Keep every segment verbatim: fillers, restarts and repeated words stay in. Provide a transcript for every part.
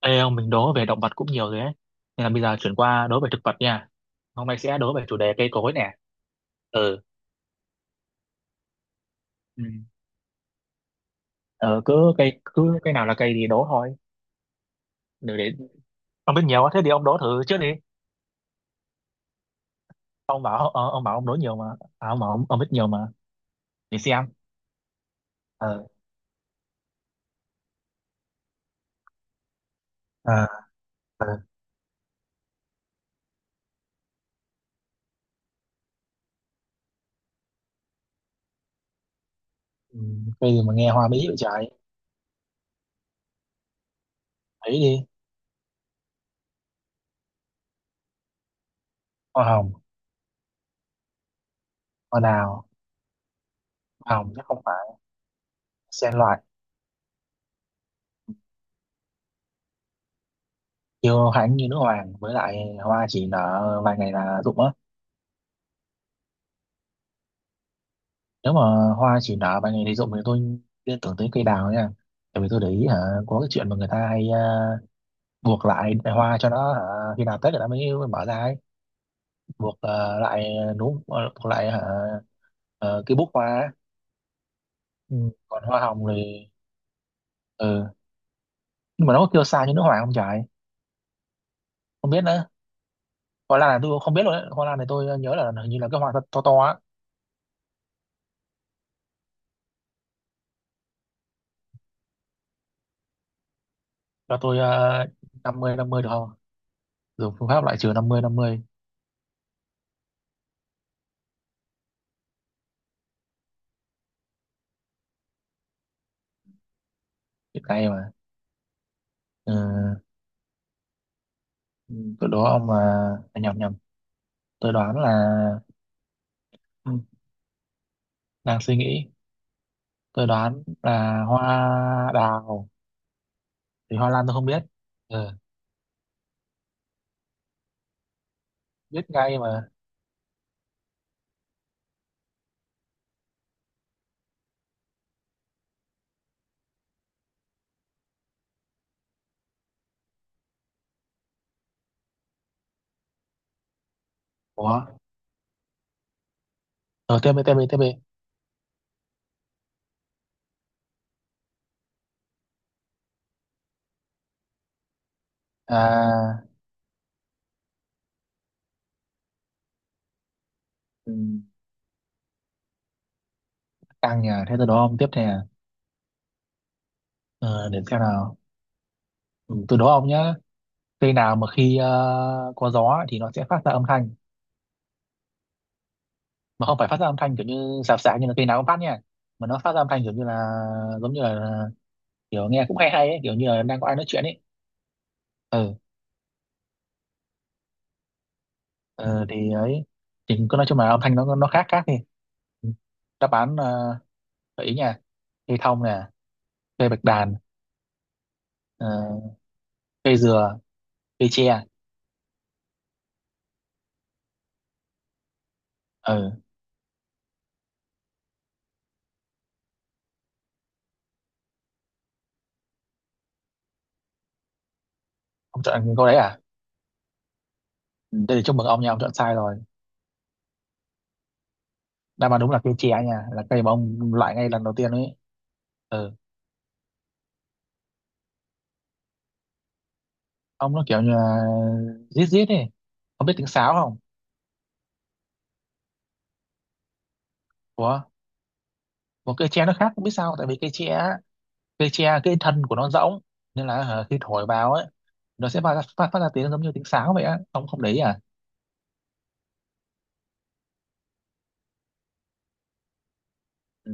Ê ông, mình đố về động vật cũng nhiều rồi ấy. Nên là bây giờ chuyển qua đố về thực vật nha. Hôm nay sẽ đố về chủ đề cây cối nè. Ừ. Ừ. Ờ, cứ cây cứ cái nào là cây thì đố thôi. Để, để... Ông biết nhiều á, thế thì ông đố thử trước đi. Ông bảo ờ, ông bảo ông đố nhiều mà. À, ông bảo ông, ông biết nhiều mà. Để xem. Ờ. À, à. Ừ, cây gì mà nghe hoa bí vậy trời. Thấy đi. Hoa hồng, hoa đào, hoa hồng chắc không phải. Sen loại, kiêu hãnh như nữ hoàng với lại hoa chỉ nở vài ngày là rụng á. Nếu mà hoa chỉ nở ban ngày thì rụng thì tôi liên tưởng tới cây đào nha. Tại vì tôi để ý hả, có cái chuyện mà người ta hay à, buộc lại hoa cho nó hả, khi nào Tết người ta mới mở ra ấy, buộc ờ, lại núm, ờ, buộc lại hả, ờ, cái búp hoa ấy. Ừ. Còn hoa hồng thì ừ. Nhưng mà nó có kêu xa như nước hoàng không trời? Không biết nữa. Hoa lan này tôi cũng không biết luôn đấy. Hoa lan này tôi nhớ là hình như là cái hoa to to, to á. Cho tôi uh, năm mươi năm mươi được không? Dùng phương pháp loại trừ năm mươi năm mươi. Hiện nay mà. Ừ. Ừ. Đó ông mà. Nhầm nhầm, tôi đoán là, ừ, đang suy nghĩ. Tôi đoán là hoa đào. Thì hoa lan tôi không biết. Ừ, biết ngay mà. Ủa, ờ tiếp đi tiếp đi tiếp đi. À. Ừ, tăng nhà thế tôi đố ông tiếp nè. ờ, để xem nào. Ừ, tôi đố ông nhá. Cây nào mà khi ờ, có gió thì nó sẽ phát ra âm thanh, mà không phải phát ra âm thanh kiểu như sạp sạp như là cây nào cũng phát nha, mà nó phát ra âm thanh kiểu như là, giống như là, kiểu nghe cũng hay hay ấy, kiểu như là đang có ai nói chuyện ấy. Ừ, ờ, thì ấy, thì cứ nói chung là âm thanh nó nó khác khác đi. Đáp án, uh, gợi ý nha. Cây thông nè, cây bạch đàn, ờ, cây dừa, cây tre. Ừ. Ông chọn câu đấy à? Ừ, đây là chúc mừng ông nha, ông chọn sai rồi. Đáp án đúng là cây tre nha, là cây mà ông loại ngay lần đầu tiên ấy. Ừ. Ông, nó kiểu như là rít rít ấy. Ông biết tiếng sáo không? Của một cây tre nó khác, không biết sao, tại vì cây tre á, cây tre cái thân của nó rỗng. Nên là ờ, khi thổi vào ấy, nó sẽ phát ra, phát, phát ra tiếng giống như tiếng sáo vậy á, ông không để ý à? Ừ.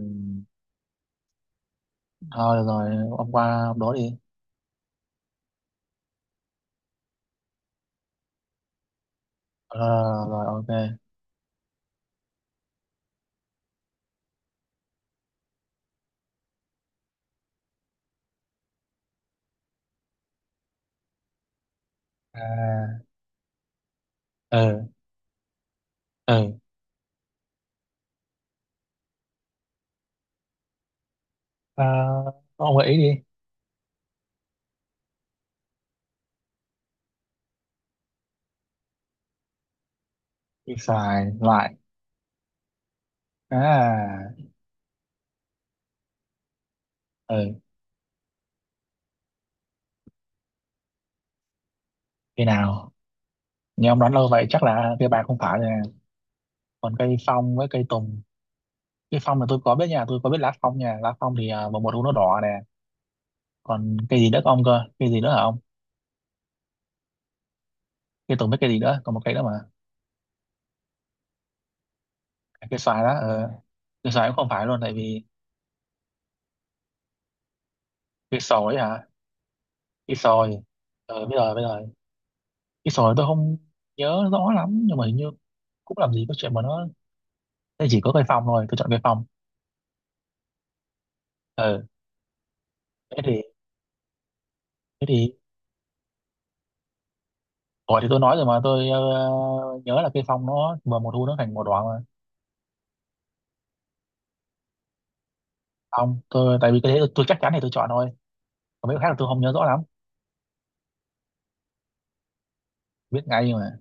Thôi được rồi, ông qua ông đó đi. Ờ, rồi. Ok. À, ừ, ừ, à, ông gợi ý đi. Đi xài loại. À, ừ, cây nào? Nhưng ông đoán lâu vậy chắc là cây bạc không phải nè. Còn cây phong với cây tùng, cây phong là tôi có biết nha, tôi có biết lá phong nha, lá phong thì à, mùa một nó đỏ nè. Còn cây gì nữa có ông cơ, cây gì nữa hả ông? Cây tùng với cây gì nữa? Còn một cây nữa mà. À, cây xoài đó à, ờ cây xoài cũng không phải luôn, tại vì cây sồi ấy hả? Cây sồi. Ờ, bây giờ bây giờ cái sồi tôi không nhớ rõ lắm, nhưng mà hình như cũng làm gì có chuyện mà nó. Đây chỉ có cây phòng thôi, tôi chọn cây phòng. Ừ. thế thì thế thì. Ủa, thì tôi nói rồi mà tôi ờ, nhớ là cây phòng nó mà mùa thu nó thành màu đỏ mà. Không, tôi tại vì cái đấy tôi, tôi chắc chắn thì tôi chọn thôi. Còn mấy cái khác là tôi không nhớ rõ lắm. Biết ngay mà.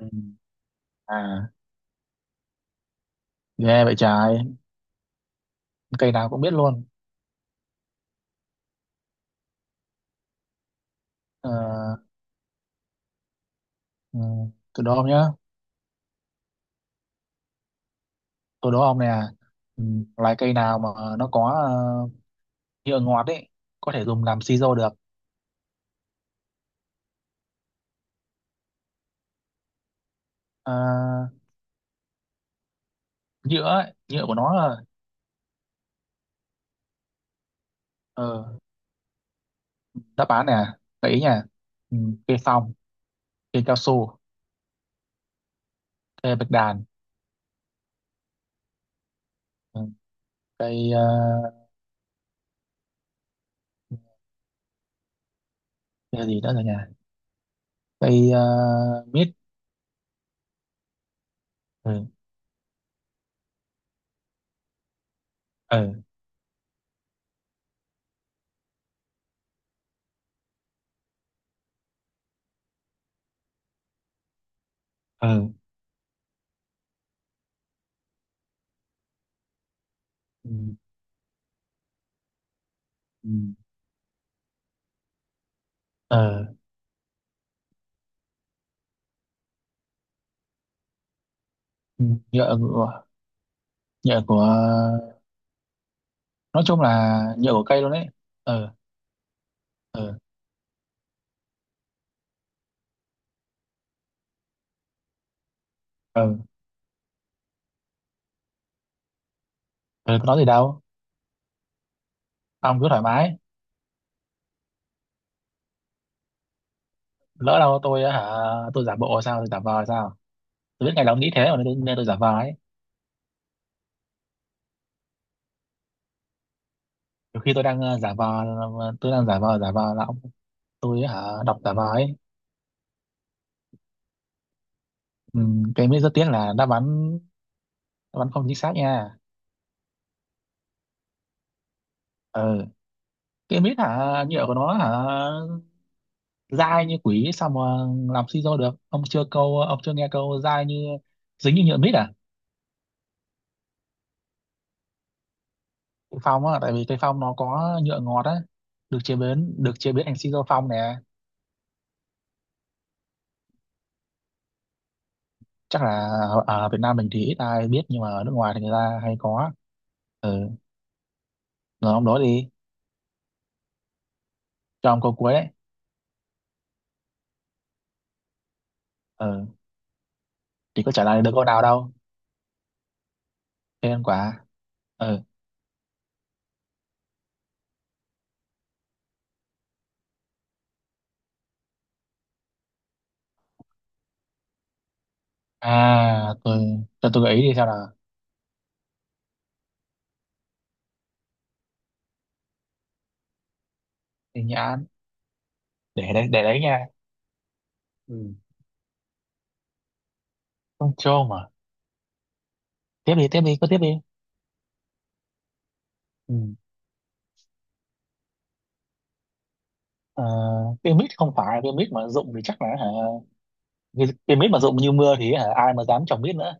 Ừ. À. Ghê vậy trời. Cây nào cũng biết luôn. Ờ, ừ, tôi đố ông nhá, tôi đố ông nè. Ừ, loài cây nào mà nó có ờ, nhựa ngọt ấy, có thể dùng làm siro được? Ờ, nhựa ấy, nhựa của nó là. ờ, Đáp án nè, gợi ý nha. Ừ, cây phong, cây cao su, cây bạch đàn. Ừ, cây ờ, cây gì nữa rồi nhỉ? cây ờ, Mít. Ừ, ừ, ừ, ừ, ừ, ừ, ừ, nhựa của nhựa của nói chung là nhựa của cây luôn đấy. Ừ, ừ, ừ, ừ, có nói gì đâu. Ông cứ thoải mái. Lỡ đâu tôi á hả, tôi giả bộ sao, tôi giả vờ sao? Tôi biết ngày đó ông nghĩ thế mà, nên, nên tôi giả vờ ấy. Nhiều khi tôi đang ờ, giả vờ. Ờ, tôi đang giả vờ, giả vờ là ông. Tôi hả đọc giả vờ ấy. Ừ, cái mít rất tiếc là đáp án đáp án không chính xác nha. Ừ. Cái mít hả? Nhựa của nó hả? Dai như quỷ sao mà làm siro được? Ông chưa câu ông chưa nghe câu dai như, dính như nhựa mít à? Cây phong á, tại vì cây phong nó có nhựa ngọt á, được chế biến được chế biến thành siro phong nè. Chắc là ở ở Việt Nam mình thì ít ai biết, nhưng mà ở nước ngoài thì người ta hay có. Ừ, rồi ông đó đi, cho ông câu cuối đấy. Ừ, thì có trả lời được câu nào đâu. Thế nên quả. Ừ. À, tôi cho tôi gợi ý đi sao nào. Thì nhãn. Để đấy để đấy nha. Ừ. Con trâu mà. Tiếp đi tiếp đi cứ tiếp đi. Ừ. Ờ, pyramid không phải cây mít mà rụng thì chắc là hả. Vì pyramid mà rụng như mưa thì hả ai mà dám trồng mít nữa.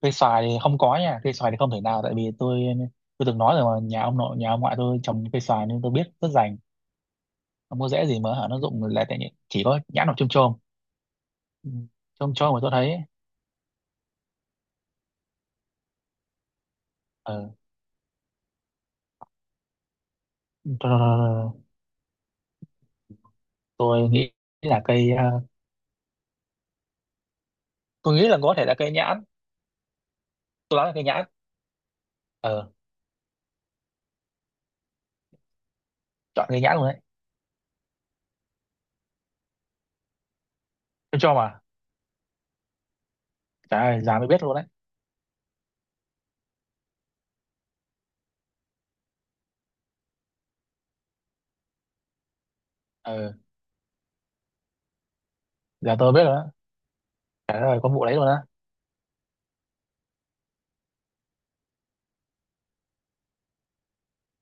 Cây xoài thì không có nha, cây xoài thì không thể nào, tại vì tôi tôi từng nói rồi mà nhà ông nội, nhà ông ngoại tôi trồng cây xoài nên tôi biết rất rành. Không có dễ gì mà hả nó rụng là tại. Chỉ có nhãn hoặc chôm chôm. Ừ, chôm chôm mà tôi thấy. Ờ, tôi nghĩ là cây ờ, tôi nghĩ là có thể là cây nhãn. Tôi đoán là cây nhãn. Ờ, chọn cây nhãn luôn đấy. Tôi cho mà. Trời ơi, già mới biết luôn đấy. Ờ, giờ tôi biết rồi đó. Trời ơi, con vụ đấy luôn á.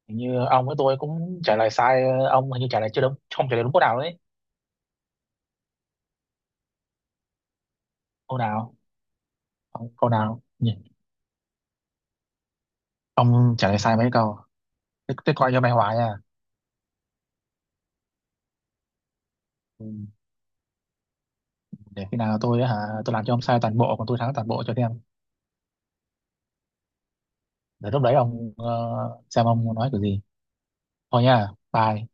Hình như ông với tôi cũng trả lời sai, ờ, ông hình như trả lời chưa đúng, không trả lời đúng câu nào đấy. Câu nào? Ông, câu nào nhỉ? Ông trả lời sai mấy câu? Thế, thế coi cho mày hoài nha. Ừ, để khi nào tôi hả, tôi làm cho ông sai toàn bộ còn tôi thắng toàn bộ cho xem. Để lúc đấy ông ờ, xem ông nói kiểu gì. Thôi nha, bye.